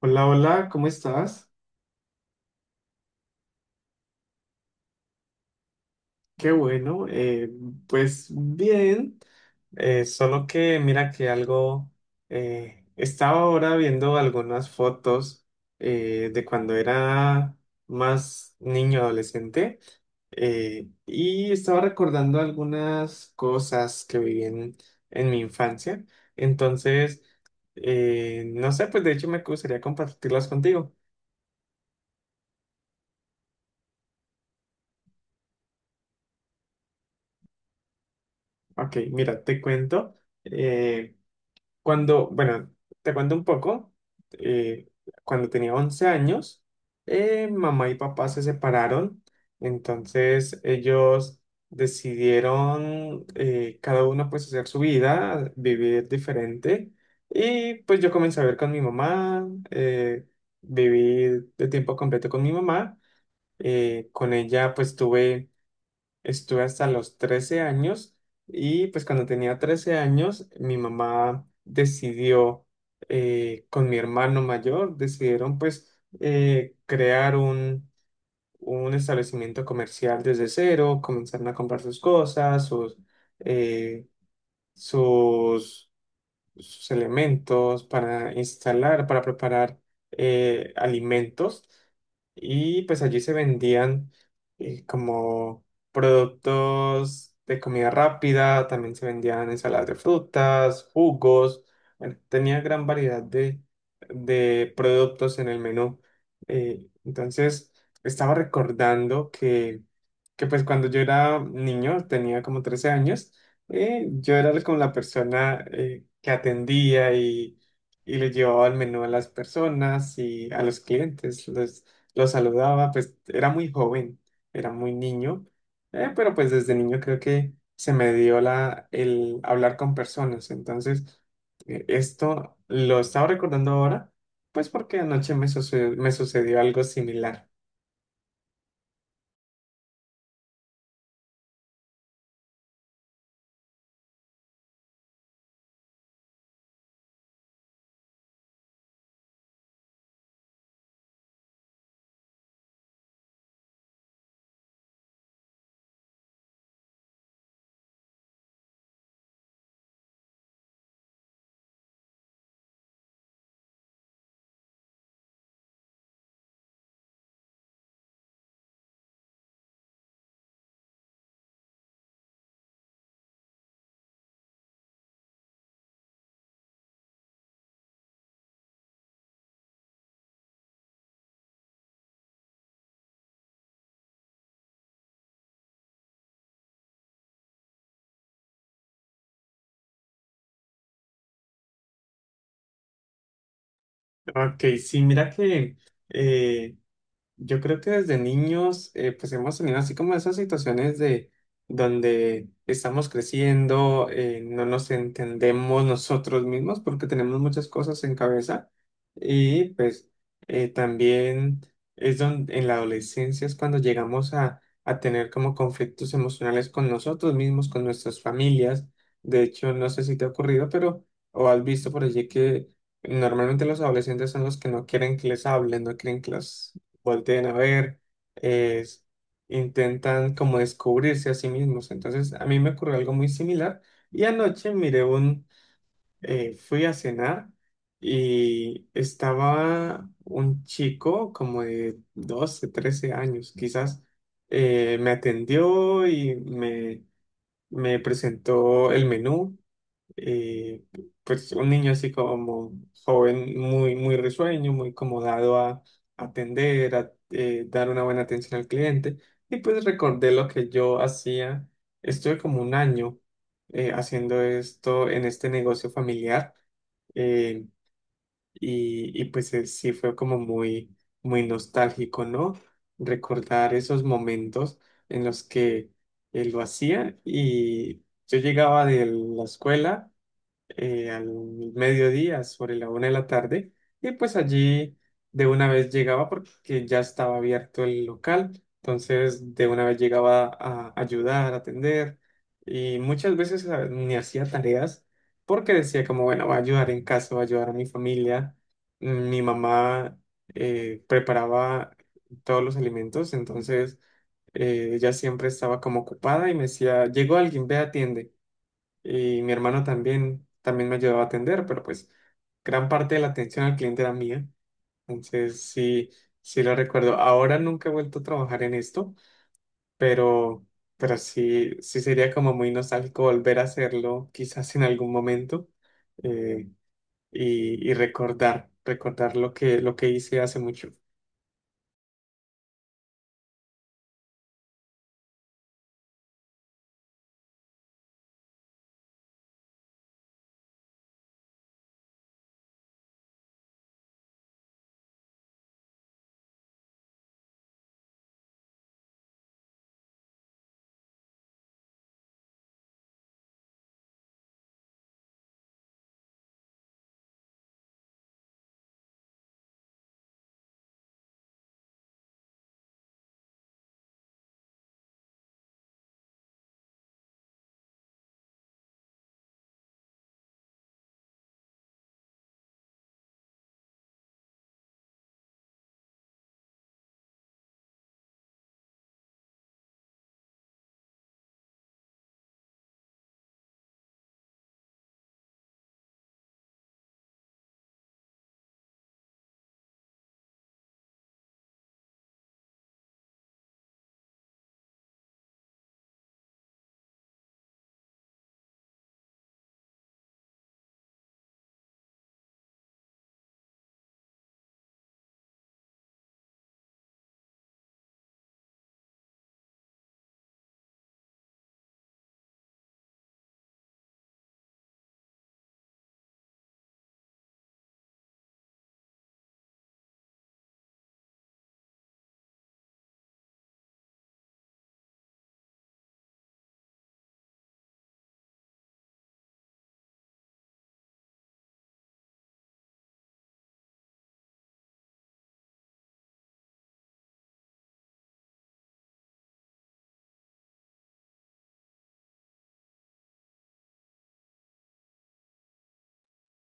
Hola, hola, ¿cómo estás? Qué bueno, pues bien. Solo que mira que algo, estaba ahora viendo algunas fotos de cuando era más niño adolescente. Y estaba recordando algunas cosas que viví en mi infancia. Entonces, no sé, pues de hecho me gustaría compartirlas contigo. Ok, mira, te cuento. eh, Cuando, bueno, te cuento un poco. eh, Cuando tenía 11 años, mamá y papá se separaron. Entonces ellos decidieron, cada uno pues hacer su vida, vivir diferente. Y pues yo comencé a ver con mi mamá. Viví de tiempo completo con mi mamá. Con ella pues tuve... Estuve hasta los 13 años. Y pues cuando tenía 13 años mi mamá decidió, con mi hermano mayor, decidieron pues crear un establecimiento comercial desde cero. Comenzaron a comprar sus cosas, eh, sus sus elementos para instalar, para preparar alimentos. Y pues allí se vendían, como productos de comida rápida; también se vendían ensaladas de frutas, jugos. Bueno, tenía gran variedad de productos en el menú. Entonces, estaba recordando que pues cuando yo era niño, tenía como 13 años. Yo era como la persona que atendía, y le llevaba el menú a las personas y a los clientes, los saludaba. Pues era muy joven, era muy niño. Pero pues desde niño creo que se me dio el hablar con personas. Entonces, esto lo estaba recordando ahora, pues porque anoche me sucedió algo similar. Ok, sí, mira que eh, yo creo que desde niños, pues hemos tenido así como esas situaciones de donde estamos creciendo. No nos entendemos nosotros mismos porque tenemos muchas cosas en cabeza. Y pues también es donde en la adolescencia es cuando llegamos a tener como conflictos emocionales con nosotros mismos, con nuestras familias. De hecho, no sé si te ha ocurrido, pero o has visto por allí que normalmente los adolescentes son los que no quieren que les hablen, no quieren que los volteen a ver, es- intentan como descubrirse a sí mismos. Entonces, a mí me ocurrió algo muy similar. Y anoche fui a cenar, y estaba un chico como de 12 13 años, quizás. Me atendió y me presentó el menú. eh, pues un niño así como joven, muy, muy risueño, muy como dado a atender, a dar una buena atención al cliente. Y pues recordé lo que yo hacía. Estuve como un año haciendo esto en este negocio familiar. eh, y pues sí fue como muy, muy nostálgico, ¿no? Recordar esos momentos en los que lo hacía, y yo llegaba de la escuela al mediodía, sobre la una de la tarde. Y pues allí de una vez llegaba porque ya estaba abierto el local. Entonces de una vez llegaba a ayudar, a atender. Y muchas veces ni hacía tareas, porque decía como, bueno, va a ayudar en casa, va a ayudar a mi familia. Mi mamá preparaba todos los alimentos. Entonces ella siempre estaba como ocupada, y me decía, llegó alguien, ve, atiende. Y mi hermano también, también me ayudaba a atender, pero pues gran parte de la atención al cliente era mía. Entonces sí, sí lo recuerdo. Ahora nunca he vuelto a trabajar en esto, pero, pero sí, sí sería como muy nostálgico volver a hacerlo quizás en algún momento. eh, y recordar lo que hice hace mucho.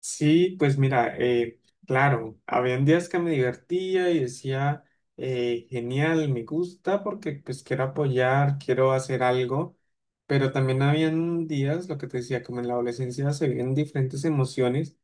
Sí, pues mira. Claro, habían días que me divertía y decía, genial, me gusta porque pues quiero apoyar, quiero hacer algo. Pero también habían días, lo que te decía, como en la adolescencia se viven diferentes emociones,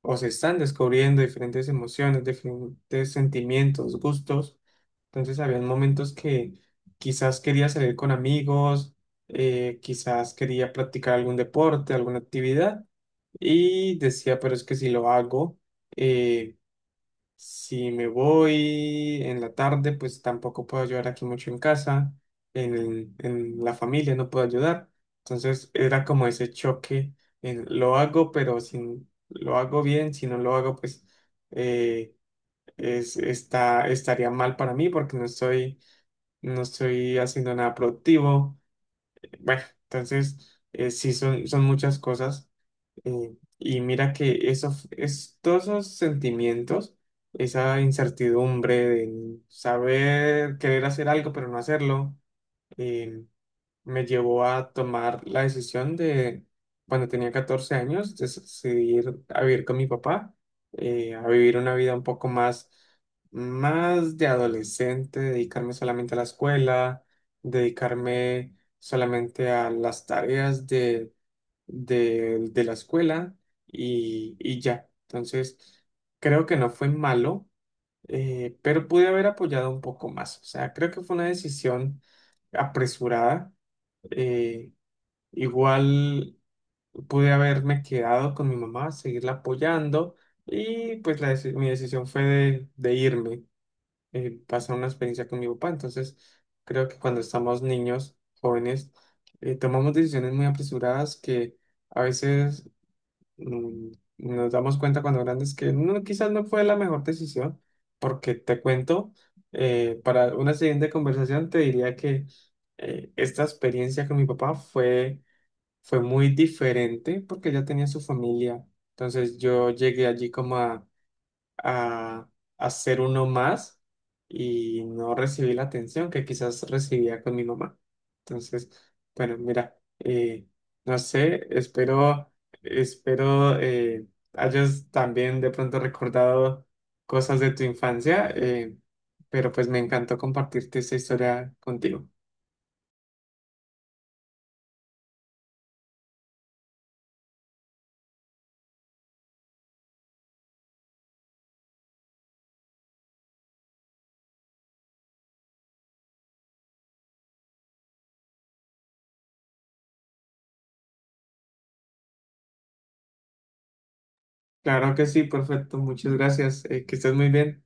o se están descubriendo diferentes emociones, diferentes sentimientos, gustos. Entonces habían momentos que quizás quería salir con amigos, quizás quería practicar algún deporte, alguna actividad. Y decía, pero es que si lo hago, eh, si me voy en la tarde, pues tampoco puedo ayudar aquí mucho en casa, en la familia no puedo ayudar. Entonces era como ese choque, en lo hago, pero si lo hago bien, si no lo hago, pues eh, estaría mal para mí porque no estoy haciendo nada productivo. Bueno, entonces sí son muchas cosas. Y mira que todos esos sentimientos, esa incertidumbre de saber querer hacer algo pero no hacerlo, eh, me llevó a tomar la decisión de, cuando tenía 14 años, de decidir a vivir con mi papá. A vivir una vida un poco más, más de adolescente, dedicarme solamente a la escuela, dedicarme solamente a las tareas de la escuela, y ya. Entonces, creo que no fue malo. Pero pude haber apoyado un poco más. O sea, creo que fue una decisión apresurada. eh, Igual pude haberme quedado con mi mamá, seguirla apoyando, y pues mi decisión fue de irme, pasar una experiencia con mi papá. Entonces, creo que cuando estamos niños, jóvenes, tomamos decisiones muy apresuradas que... A veces mm, nos damos cuenta cuando grandes que no, quizás no fue la mejor decisión. Porque te cuento, para una siguiente conversación te diría que esta experiencia con mi papá fue muy diferente, porque ya tenía su familia. Entonces yo llegué allí como a, hacer uno más, y no recibí la atención que quizás recibía con mi mamá. Entonces, bueno, mira. No sé, espero hayas también de pronto recordado cosas de tu infancia. Pero pues me encantó compartirte esta historia contigo. Claro que sí, perfecto, muchas gracias, que estés muy bien.